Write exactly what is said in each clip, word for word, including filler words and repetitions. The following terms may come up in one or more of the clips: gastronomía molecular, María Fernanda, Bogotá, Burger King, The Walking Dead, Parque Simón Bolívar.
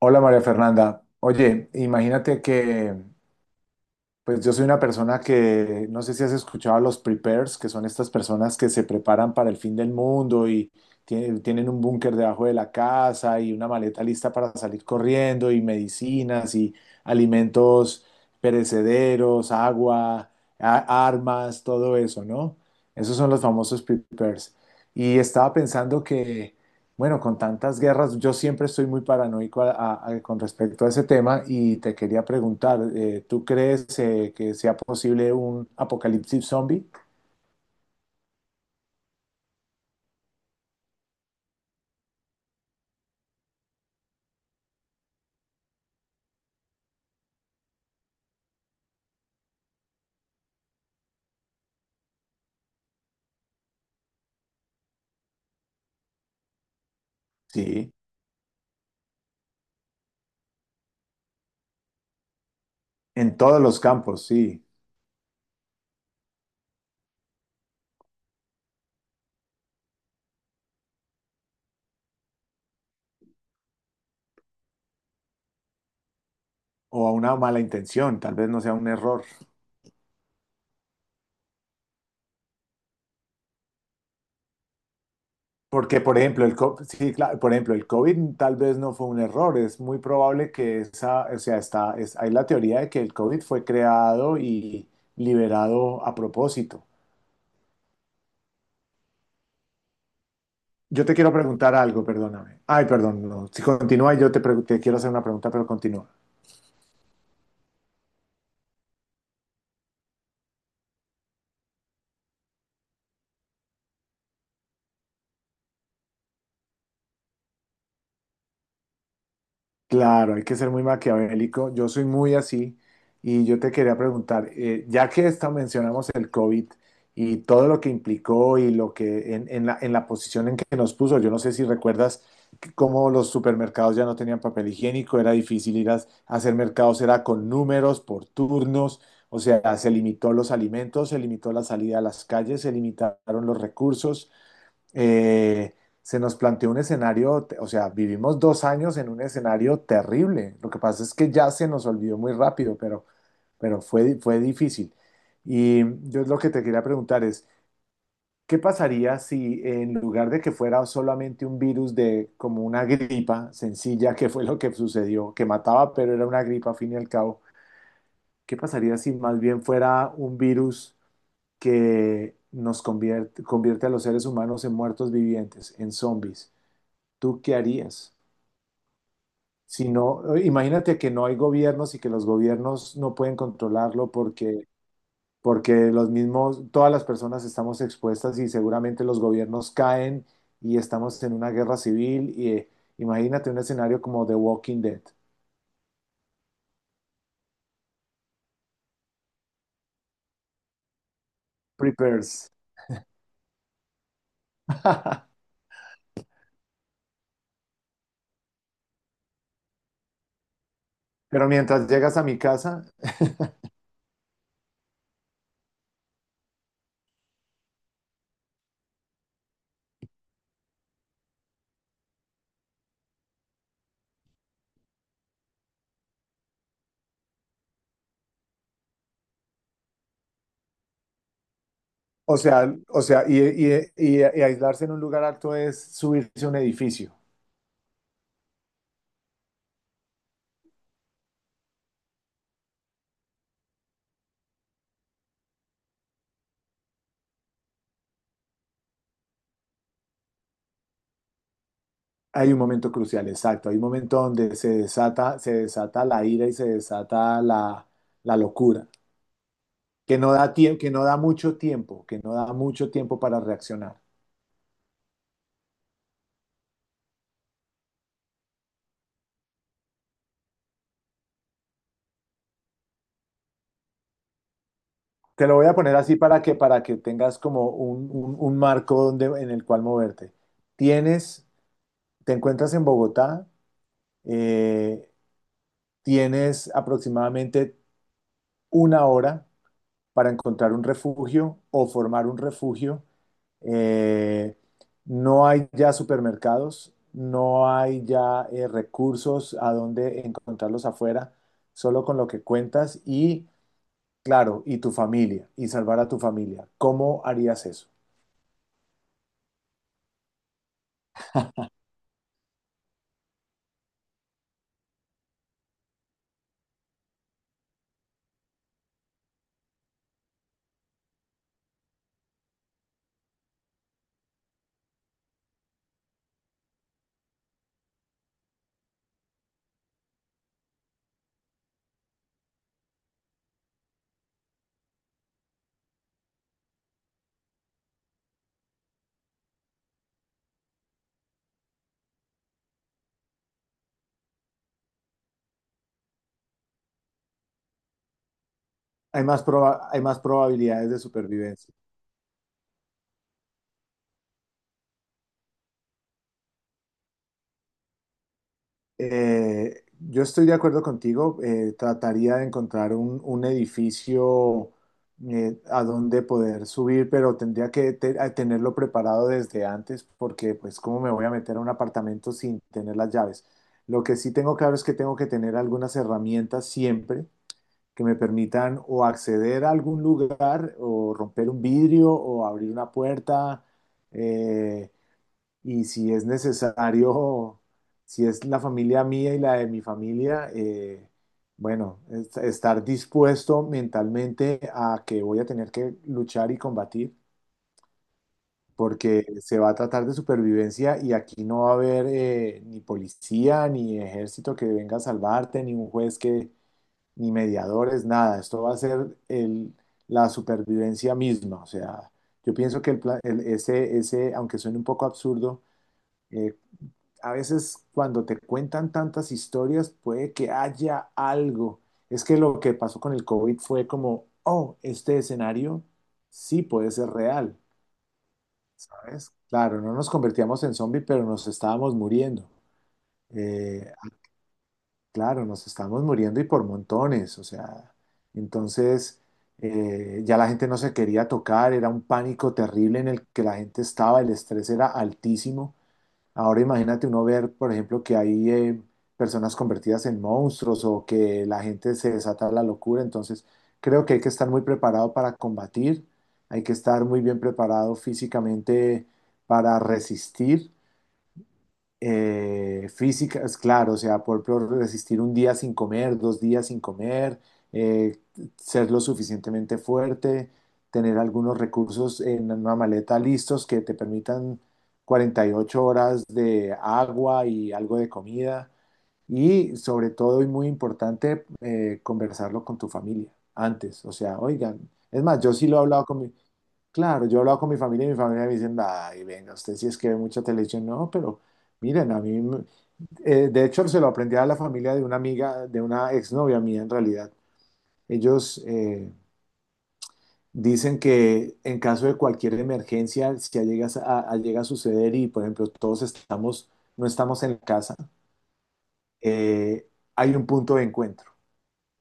Hola María Fernanda. Oye, imagínate que pues yo soy una persona que no sé si has escuchado a los preppers, que son estas personas que se preparan para el fin del mundo y tienen, tienen un búnker debajo de la casa y una maleta lista para salir corriendo y medicinas y alimentos perecederos, agua, a- armas, todo eso, ¿no? Esos son los famosos preppers. Y estaba pensando que bueno, con tantas guerras, yo siempre estoy muy paranoico a- a- a- con respecto a ese tema y te quería preguntar, eh, ¿tú crees eh, que sea posible un apocalipsis zombie? Sí, en todos los campos, sí, o a una mala intención, tal vez no sea un error. Porque, por ejemplo, el co- sí, claro, por ejemplo, el COVID tal vez no fue un error, es muy probable que esa, o sea, está, es, hay la teoría de que el COVID fue creado y liberado a propósito. Yo te quiero preguntar algo, perdóname. Ay, perdón, no. Si continúa, yo te, pregu- te quiero hacer una pregunta, pero continúa. Claro, hay que ser muy maquiavélico. Yo soy muy así y yo te quería preguntar, eh, ya que esta mencionamos el COVID y todo lo que implicó y lo que en, en la, en la posición en que nos puso, yo no sé si recuerdas que cómo los supermercados ya no tenían papel higiénico, era difícil ir a a hacer mercados, era con números, por turnos. O sea, se limitó los alimentos, se limitó la salida a las calles, se limitaron los recursos. eh, Se nos planteó un escenario, te- o sea, vivimos dos años en un escenario terrible. Lo que pasa es que ya se nos olvidó muy rápido, pero, pero fue, di- fue difícil. Y yo lo que te quería preguntar es, ¿qué pasaría si en lugar de que fuera solamente un virus de como una gripa sencilla, que fue lo que sucedió, que mataba, pero era una gripa al fin y al cabo, ¿qué pasaría si más bien fuera un virus que nos convierte, convierte a los seres humanos en muertos vivientes, en zombies? ¿Tú qué harías? Si no, eh, imagínate que no hay gobiernos y que los gobiernos no pueden controlarlo porque, porque los mismos, todas las personas estamos expuestas y seguramente los gobiernos caen y estamos en una guerra civil. Y eh, imagínate un escenario como The Walking Dead. Prepares. Pero mientras llegas a mi casa, o sea, o sea, y, y- y- y aislarse en un lugar alto es subirse a un edificio. Hay un momento crucial, exacto. Hay un momento donde se desata, se desata la ira y se desata la, la locura, que no da tiempo, que no da mucho tiempo, que no da mucho tiempo para reaccionar. Te lo voy a poner así para que, para que tengas como un, un- un marco donde, en el cual moverte. Tienes, Te encuentras en Bogotá, eh, tienes aproximadamente una hora para encontrar un refugio o formar un refugio. Eh, no hay ya supermercados, no hay ya eh, recursos a donde encontrarlos afuera, solo con lo que cuentas y, claro, y tu familia, y salvar a tu familia. ¿Cómo harías eso? Hay más proba- hay más probabilidades de supervivencia. Eh, yo estoy de acuerdo contigo. Eh, trataría de encontrar un, un edificio eh, a donde poder subir, pero tendría que te- a tenerlo preparado desde antes porque, pues, ¿cómo me voy a meter a un apartamento sin tener las llaves? Lo que sí tengo claro es que tengo que tener algunas herramientas siempre que me permitan o acceder a algún lugar o romper un vidrio o abrir una puerta. eh, y si es necesario, si es la familia mía y la de mi familia, eh, bueno, es- estar dispuesto mentalmente a que voy a tener que luchar y combatir, porque se va a tratar de supervivencia y aquí no va a haber eh, ni policía, ni ejército que venga a salvarte, ni un juez que, ni mediadores, nada. Esto va a ser el, la supervivencia misma. O sea, yo pienso que el, pla- el- ese, ese, aunque suene un poco absurdo, eh, a veces cuando te cuentan tantas historias puede que haya algo. Es que lo que pasó con el COVID fue como, oh, este escenario sí puede ser real, ¿sabes? Claro, no nos convertíamos en zombie, pero nos estábamos muriendo. Eh, claro, nos estábamos muriendo y por montones, o sea, entonces eh, ya la gente no se quería tocar, era un pánico terrible en el que la gente estaba, el estrés era altísimo. Ahora imagínate uno ver, por ejemplo, que hay eh, personas convertidas en monstruos o que la gente se desata la locura. Entonces, creo que hay que estar muy preparado para combatir, hay que estar muy bien preparado físicamente para resistir eh, físicas, claro, o sea, por, por resistir un día sin comer, dos días sin comer, eh, ser lo suficientemente fuerte, tener algunos recursos en una maleta listos que te permitan cuarenta y ocho horas de agua y algo de comida. Y sobre todo, y muy importante, eh, conversarlo con tu familia antes. O sea, oigan, es más, yo sí lo he hablado con mi. Claro, yo hablaba con mi familia y mi familia me dicen, ay, venga, usted sí es que ve mucha televisión. No, pero miren, a mí, me- eh, de hecho, se lo aprendí a la familia de una amiga, de una exnovia mía en realidad. Ellos eh, dicen que en caso de cualquier emergencia, si llega a, a- llega a suceder y, por ejemplo, todos estamos, no estamos en la casa, eh, hay un punto de encuentro.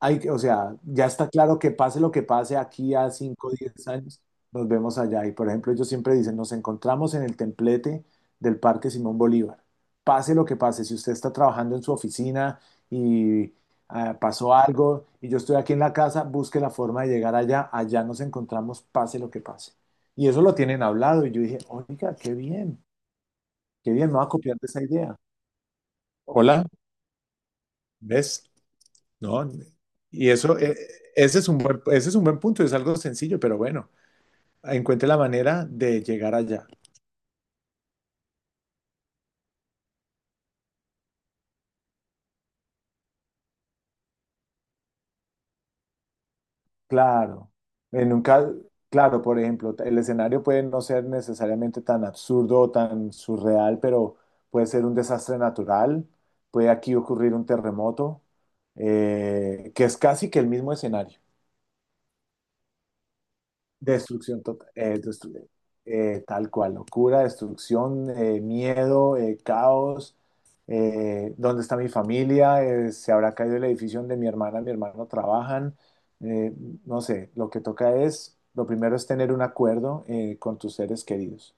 Hay, que- o sea, ya está claro que pase lo que pase aquí a cinco, o diez años, nos vemos allá. Y por ejemplo, ellos siempre dicen, nos encontramos en el templete del Parque Simón Bolívar. Pase lo que pase, si usted está trabajando en su oficina y ah, pasó algo y yo estoy aquí en la casa, busque la forma de llegar allá, allá nos encontramos, pase lo que pase. Y eso lo tienen hablado y yo dije, oiga, qué bien, qué bien, me voy a copiar de esa idea. Hola, ¿ves? No, y eso, eh, ese es un buen, ese es un buen punto, es algo sencillo, pero bueno, encuentre la manera de llegar allá. Claro, en un ca- claro, por ejemplo, el escenario puede no ser necesariamente tan absurdo o tan surreal, pero puede ser un desastre natural, puede aquí ocurrir un terremoto, eh, que es casi que el mismo escenario. Destrucción total, eh, destru- eh, tal cual, locura, destrucción, eh, miedo, eh, caos. Eh, ¿dónde está mi familia? Eh, ¿se habrá caído el edificio donde mi hermana, mi hermano trabajan? Eh, no sé, lo que toca es, lo primero es tener un acuerdo eh, con tus seres queridos.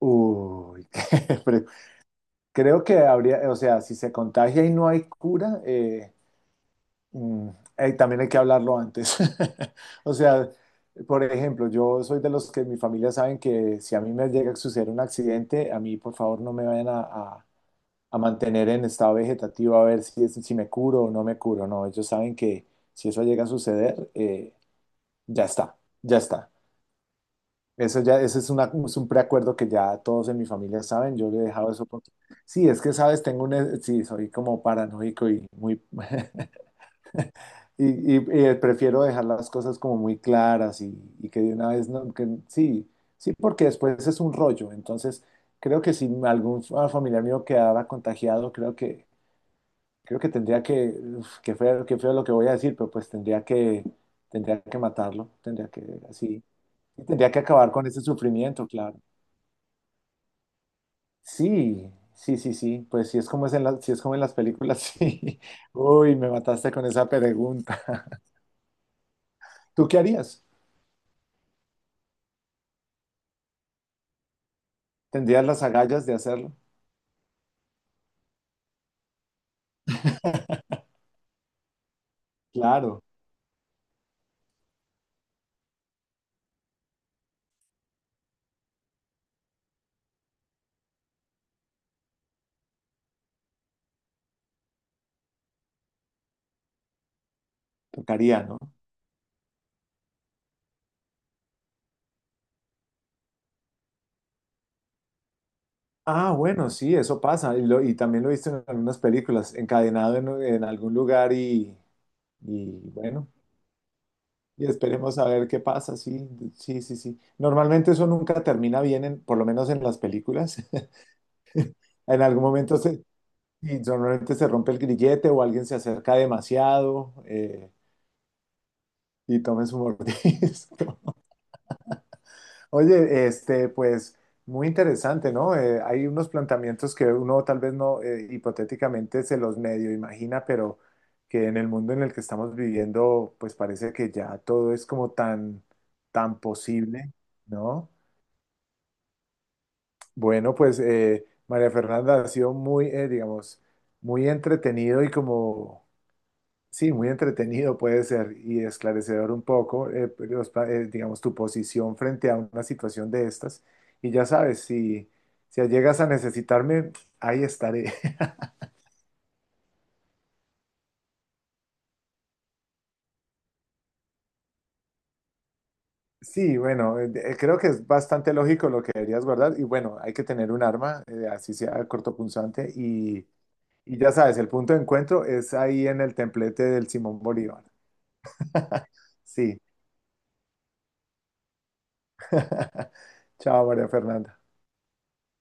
Uy, qué pre- creo que habría, o sea, si se contagia y no hay cura, eh, Mm, eh, también hay que hablarlo antes. O sea, por ejemplo, yo soy de los que mi familia saben que si a mí me llega a suceder un accidente, a mí por favor no me vayan a, a- a mantener en estado vegetativo a ver si, es- si me curo o no me curo. No, ellos saben que si eso llega a suceder, eh, ya está, ya está. Eso ya, ese es, una- es un preacuerdo que ya todos en mi familia saben. Yo le he dejado eso por. Sí, es que sabes, tengo un. e, Sí, soy como paranoico y muy. Y, y- y, eh, Prefiero dejar las cosas como muy claras y, y que de una vez, no, que, sí, sí, porque después es un rollo. Entonces, creo que si algún fa- familiar mío quedara contagiado, creo que, creo que tendría que, uf, qué feo, qué feo lo que voy a decir, pero pues tendría que, tendría que matarlo, tendría que, así, y tendría que acabar con ese sufrimiento, claro. Sí, sí, sí, sí, pues si es como es en la- si es como en las películas, sí. Uy, me mataste con esa pregunta. ¿Tú qué harías? ¿Tendrías las agallas de hacerlo? Claro, tocaría, ¿no? Ah, bueno, sí, eso pasa. Y, lo- y también lo he visto en algunas películas, encadenado en, en algún lugar y, y bueno, y esperemos a ver qué pasa, sí, sí, sí, sí. Normalmente eso nunca termina bien, en- por lo menos en las películas. En algún momento se, y normalmente se rompe el grillete o alguien se acerca demasiado eh, y tomen su mordisco. Oye, este, pues muy interesante, ¿no? Eh, hay unos planteamientos que uno tal vez no eh, hipotéticamente se los medio imagina, pero que en el mundo en el que estamos viviendo, pues parece que ya todo es como tan, tan posible, ¿no? Bueno, pues eh, María Fernanda ha sido muy, eh, digamos, muy entretenido y como. Sí, muy entretenido puede ser y esclarecedor un poco, eh, los pa- eh, digamos, tu posición frente a una situación de estas. Y ya sabes, si, si llegas a necesitarme, ahí estaré. Sí, bueno, eh, eh, creo que es bastante lógico lo que deberías guardar. Y bueno, hay que tener un arma, eh, así sea cortopunzante. Y, y ya sabes, el punto de encuentro es ahí en el templete del Simón Bolívar. Sí. Chao, María Fernanda.